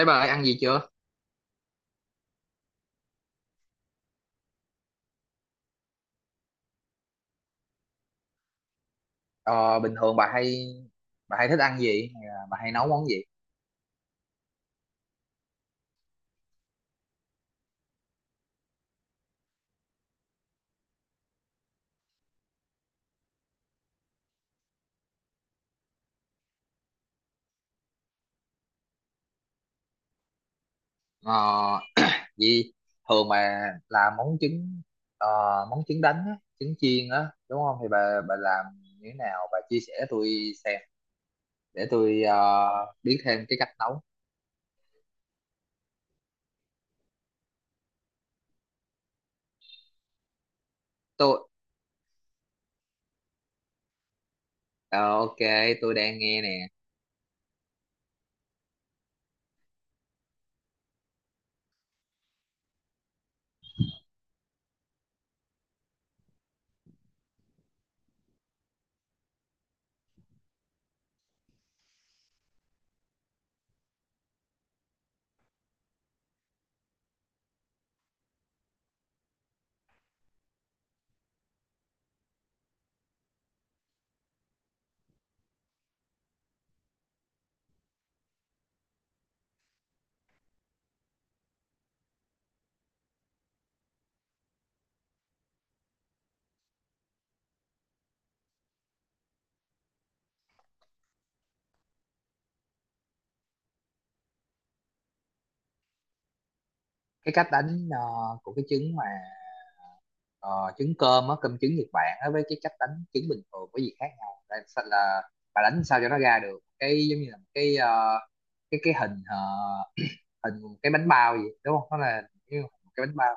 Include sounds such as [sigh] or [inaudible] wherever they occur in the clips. Ê bà ơi, ăn gì chưa? Ờ, bình thường bà hay thích ăn gì? Hay là bà hay nấu món gì? Ờ, gì thường mà làm món trứng, ờ, món trứng đánh á, trứng chiên á, đúng không? Thì bà làm như thế nào? Bà chia sẻ tôi xem để tôi biết thêm cái cách nấu. Tôi ờ, ok, tôi đang nghe nè. Cái cách đánh, của cái trứng mà, Ờ, trứng cơm á, cơm trứng Nhật Bản á, với cái cách đánh trứng bình thường có gì khác nhau? Là, là bà đánh sao cho nó ra được cái giống như là một cái, cái hình, hình cái bánh bao gì đúng không? Nó là cái, cái bánh bao.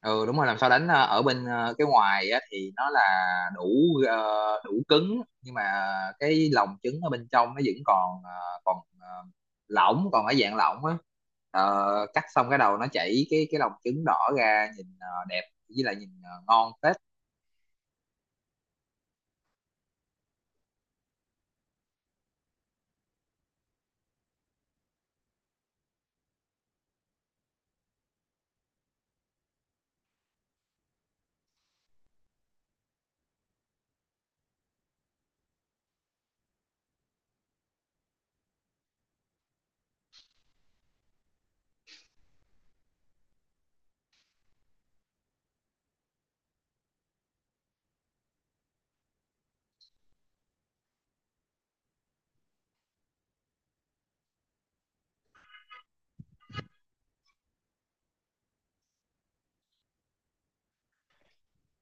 Ừ, đúng rồi. Làm sao đánh ở bên, cái ngoài á, thì nó là đủ, ờ, đủ cứng nhưng mà cái lòng trứng ở bên trong nó vẫn còn, lỏng, còn ở dạng lỏng á. Ờ, cắt xong cái đầu nó chảy cái lòng trứng đỏ ra, nhìn đẹp, với lại nhìn ngon phết.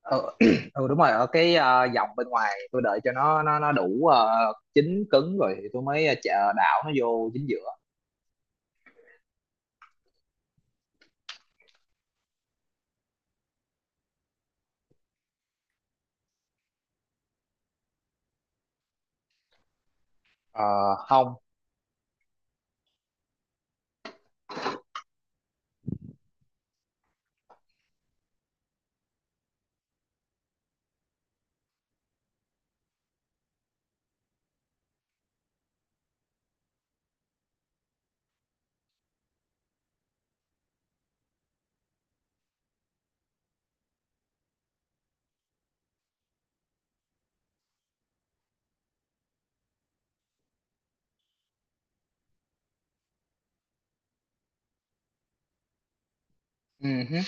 Ừ, [clears throat] ừ đúng rồi, ở cái, dòng bên ngoài, tôi đợi cho nó đủ, chín cứng rồi thì tôi mới, đảo nó vô chính giữa. Ờ, Không. Ừ, hứ.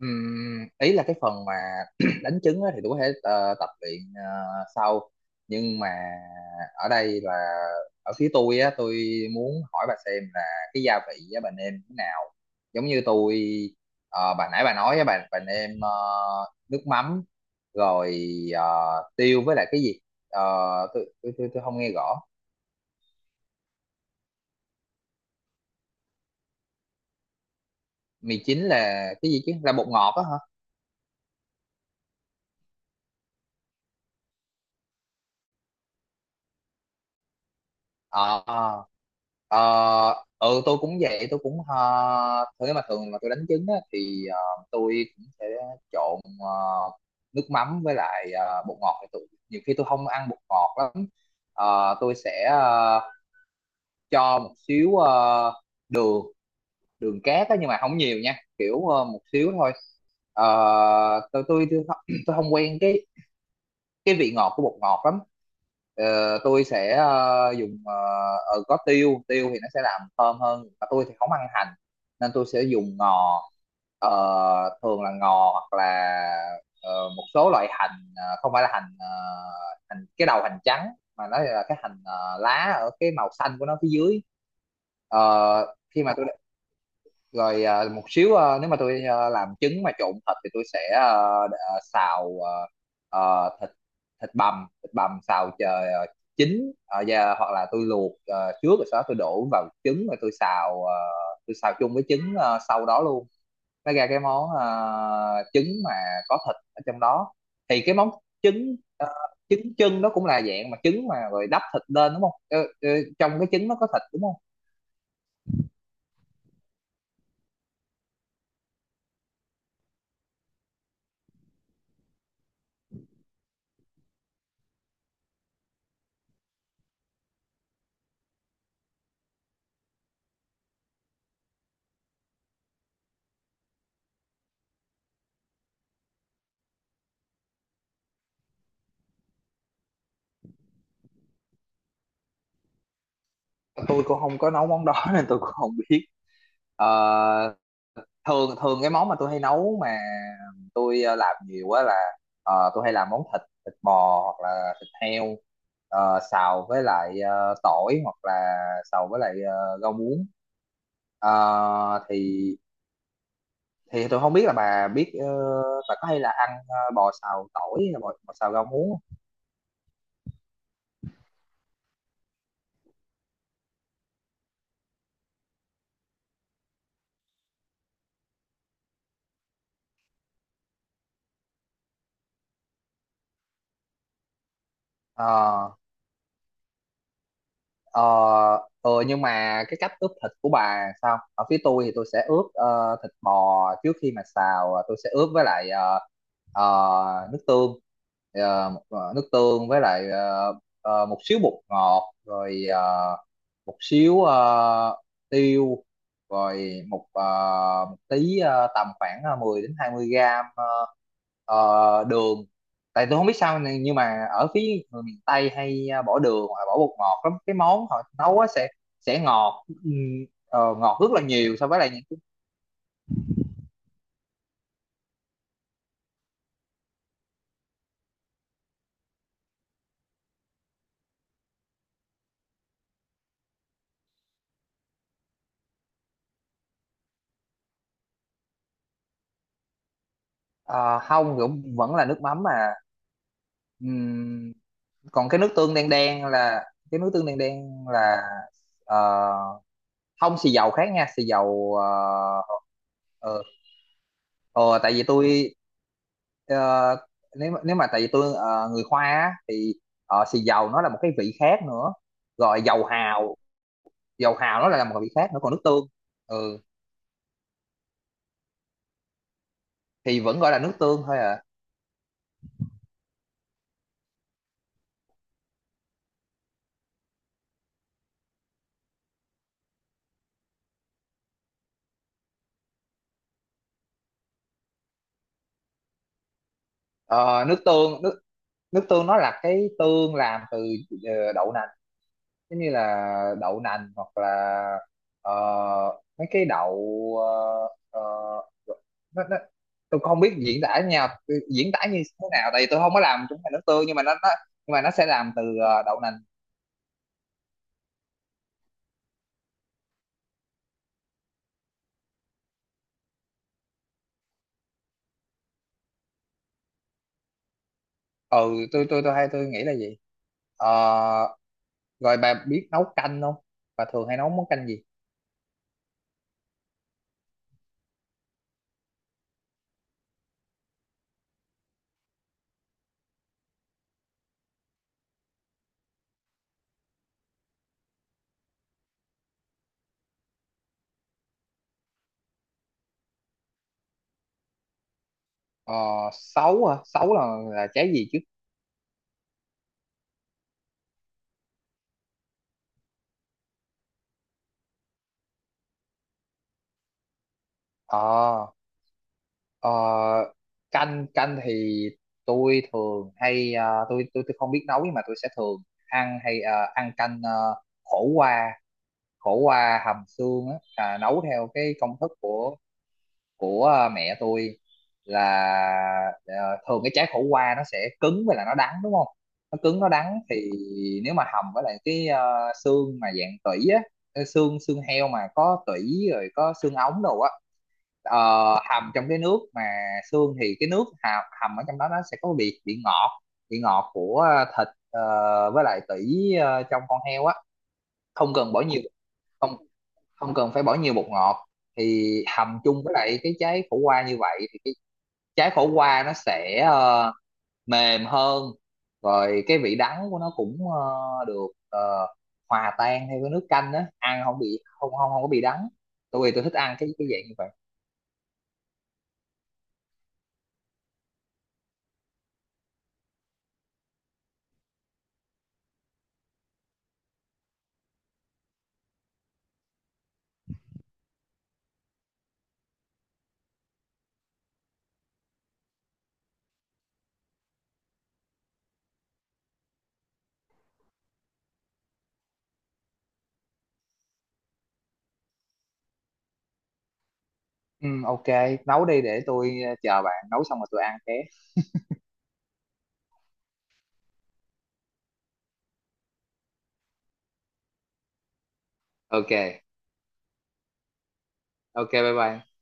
Ừm, ý là cái phần mà [clears throat] đánh trứng á thì tôi có thể tập luyện sau. Nhưng mà ở đây là, ở phía tôi á, tôi muốn hỏi bà xem là cái gia vị á bà nêm thế nào? Giống như tôi, bà nãy bà nói á, bà nêm nước mắm, rồi ờ, tiêu với lại cái gì? Ờ, tôi không nghe rõ. Mì chính là cái gì chứ, là bột ngọt á hả? Ờ, ờ. Ờ, ừ, tôi cũng vậy, tôi cũng thường mà tôi đánh trứng á, thì tôi cũng sẽ trộn nước mắm với lại bột ngọt, thì tôi nhiều khi tôi không ăn bột ngọt lắm. Tôi sẽ cho một xíu đường, đường cát á, nhưng mà không nhiều nha, kiểu một xíu thôi. Ờ, tôi [clears throat] không quen cái, vị ngọt của bột ngọt lắm. Tôi sẽ dùng, có tiêu. Tiêu thì nó sẽ làm thơm hơn, mà tôi thì không ăn hành nên tôi sẽ dùng ngò. Ờ, Thường là ngò, hoặc là ờ, một số loại hành, không phải là hành, hành cái đầu hành trắng, mà nó là cái hành, lá, ở cái màu xanh của nó phía dưới. Khi mà tôi, rồi một xíu, nếu mà tôi làm trứng mà trộn thịt thì tôi sẽ, xào, thịt, thịt bằm xào chờ à, chín, và hoặc là tôi luộc trước, rồi sau đó tôi đổ vào trứng rồi tôi xào, tôi xào chung với trứng sau đó luôn, nó ra cái món, trứng mà có thịt ở trong đó. Thì cái món trứng, trứng chân đó cũng là dạng mà trứng mà rồi đắp thịt lên, đúng không? Ờ, ờ, trong cái trứng nó có thịt, đúng không? Tôi cũng không có nấu món đó [laughs] nên tôi cũng không biết. Ờ, Thường thường cái món mà tôi hay nấu mà tôi làm nhiều á là tôi hay làm món thịt thịt bò hoặc là thịt heo, xào với lại tỏi, hoặc là xào với lại rau muống. Ờ, thì thì tôi không biết là bà biết bà có hay là ăn bò xào tỏi, hay là bò xào rau muống không? Ờ, ờ, ừ, nhưng mà cái cách ướp thịt của bà sao? Ở phía tôi thì tôi sẽ ướp thịt bò trước khi mà xào, tôi sẽ ướp với lại nước tương, nước tương với lại một xíu bột ngọt, rồi một xíu tiêu, rồi một tí, tầm khoảng 10 đến 20 gram đường. Tại tôi không biết sao này, nhưng mà ở phía người miền Tây hay bỏ đường hoặc là bỏ bột ngọt lắm, cái món họ nấu á sẽ ngọt, ngọt rất là nhiều so với lại những cái- không, cũng vẫn là nước mắm mà. Ừm, còn cái nước tương đen đen là ờ, không, xì dầu khác nha, xì dầu, ờ, Ờ, tại vì tôi, ờ, nếu nếu mà tại vì tôi người Hoa á, thì xì dầu nó là một cái vị khác nữa, rồi Dầu hào nó lại là một vị khác nữa, còn nước tương, ừ, thì vẫn gọi là nước tương thôi à. Ờ, nước tương nước nước tương nó là cái tương làm từ đậu nành, giống như là đậu nành, hoặc là ờ, mấy cái đậu, ờ, ờ, nó, nó, tôi cũng không biết diễn tả như thế nào, tại vì tôi không có làm chúng mày nước tương, nhưng mà nó nhưng mà nó sẽ làm từ đậu nành. Ừ, tôi nghĩ là gì. Ờ, Rồi bà biết nấu canh không? Bà thường hay nấu món canh gì? Ờ, Sấu hả? Sấu là, trái gì chứ? Ờ. Ờ, canh canh thì tôi thường hay tôi không biết nấu, nhưng mà tôi sẽ thường ăn, hay ăn canh khổ qua, hầm xương á, nấu theo cái công thức của mẹ tôi. Là thường cái trái khổ qua nó sẽ cứng với lại nó đắng, đúng không? Nó cứng, nó đắng thì nếu mà hầm với lại cái, xương mà dạng tủy á, cái xương, xương heo mà có tủy rồi có xương ống đồ á, ờ, hầm trong cái nước mà xương, thì cái nước hầm, hầm ở trong đó nó sẽ có vị, ngọt, vị ngọt của thịt với lại tủy trong con heo á, không cần bỏ nhiều, không không cần phải bỏ nhiều bột ngọt. Thì hầm chung với lại cái trái khổ qua như vậy thì cái trái khổ qua nó sẽ mềm hơn, rồi cái vị đắng của nó cũng được hòa tan theo cái nước canh á, ăn không bị không không không có bị đắng. Tôi vì tôi thích ăn cái dạng như vậy. Ừ, ok, nấu đi để tôi chờ bạn nấu xong rồi tôi ăn ké. Ok. Ok, bye bye.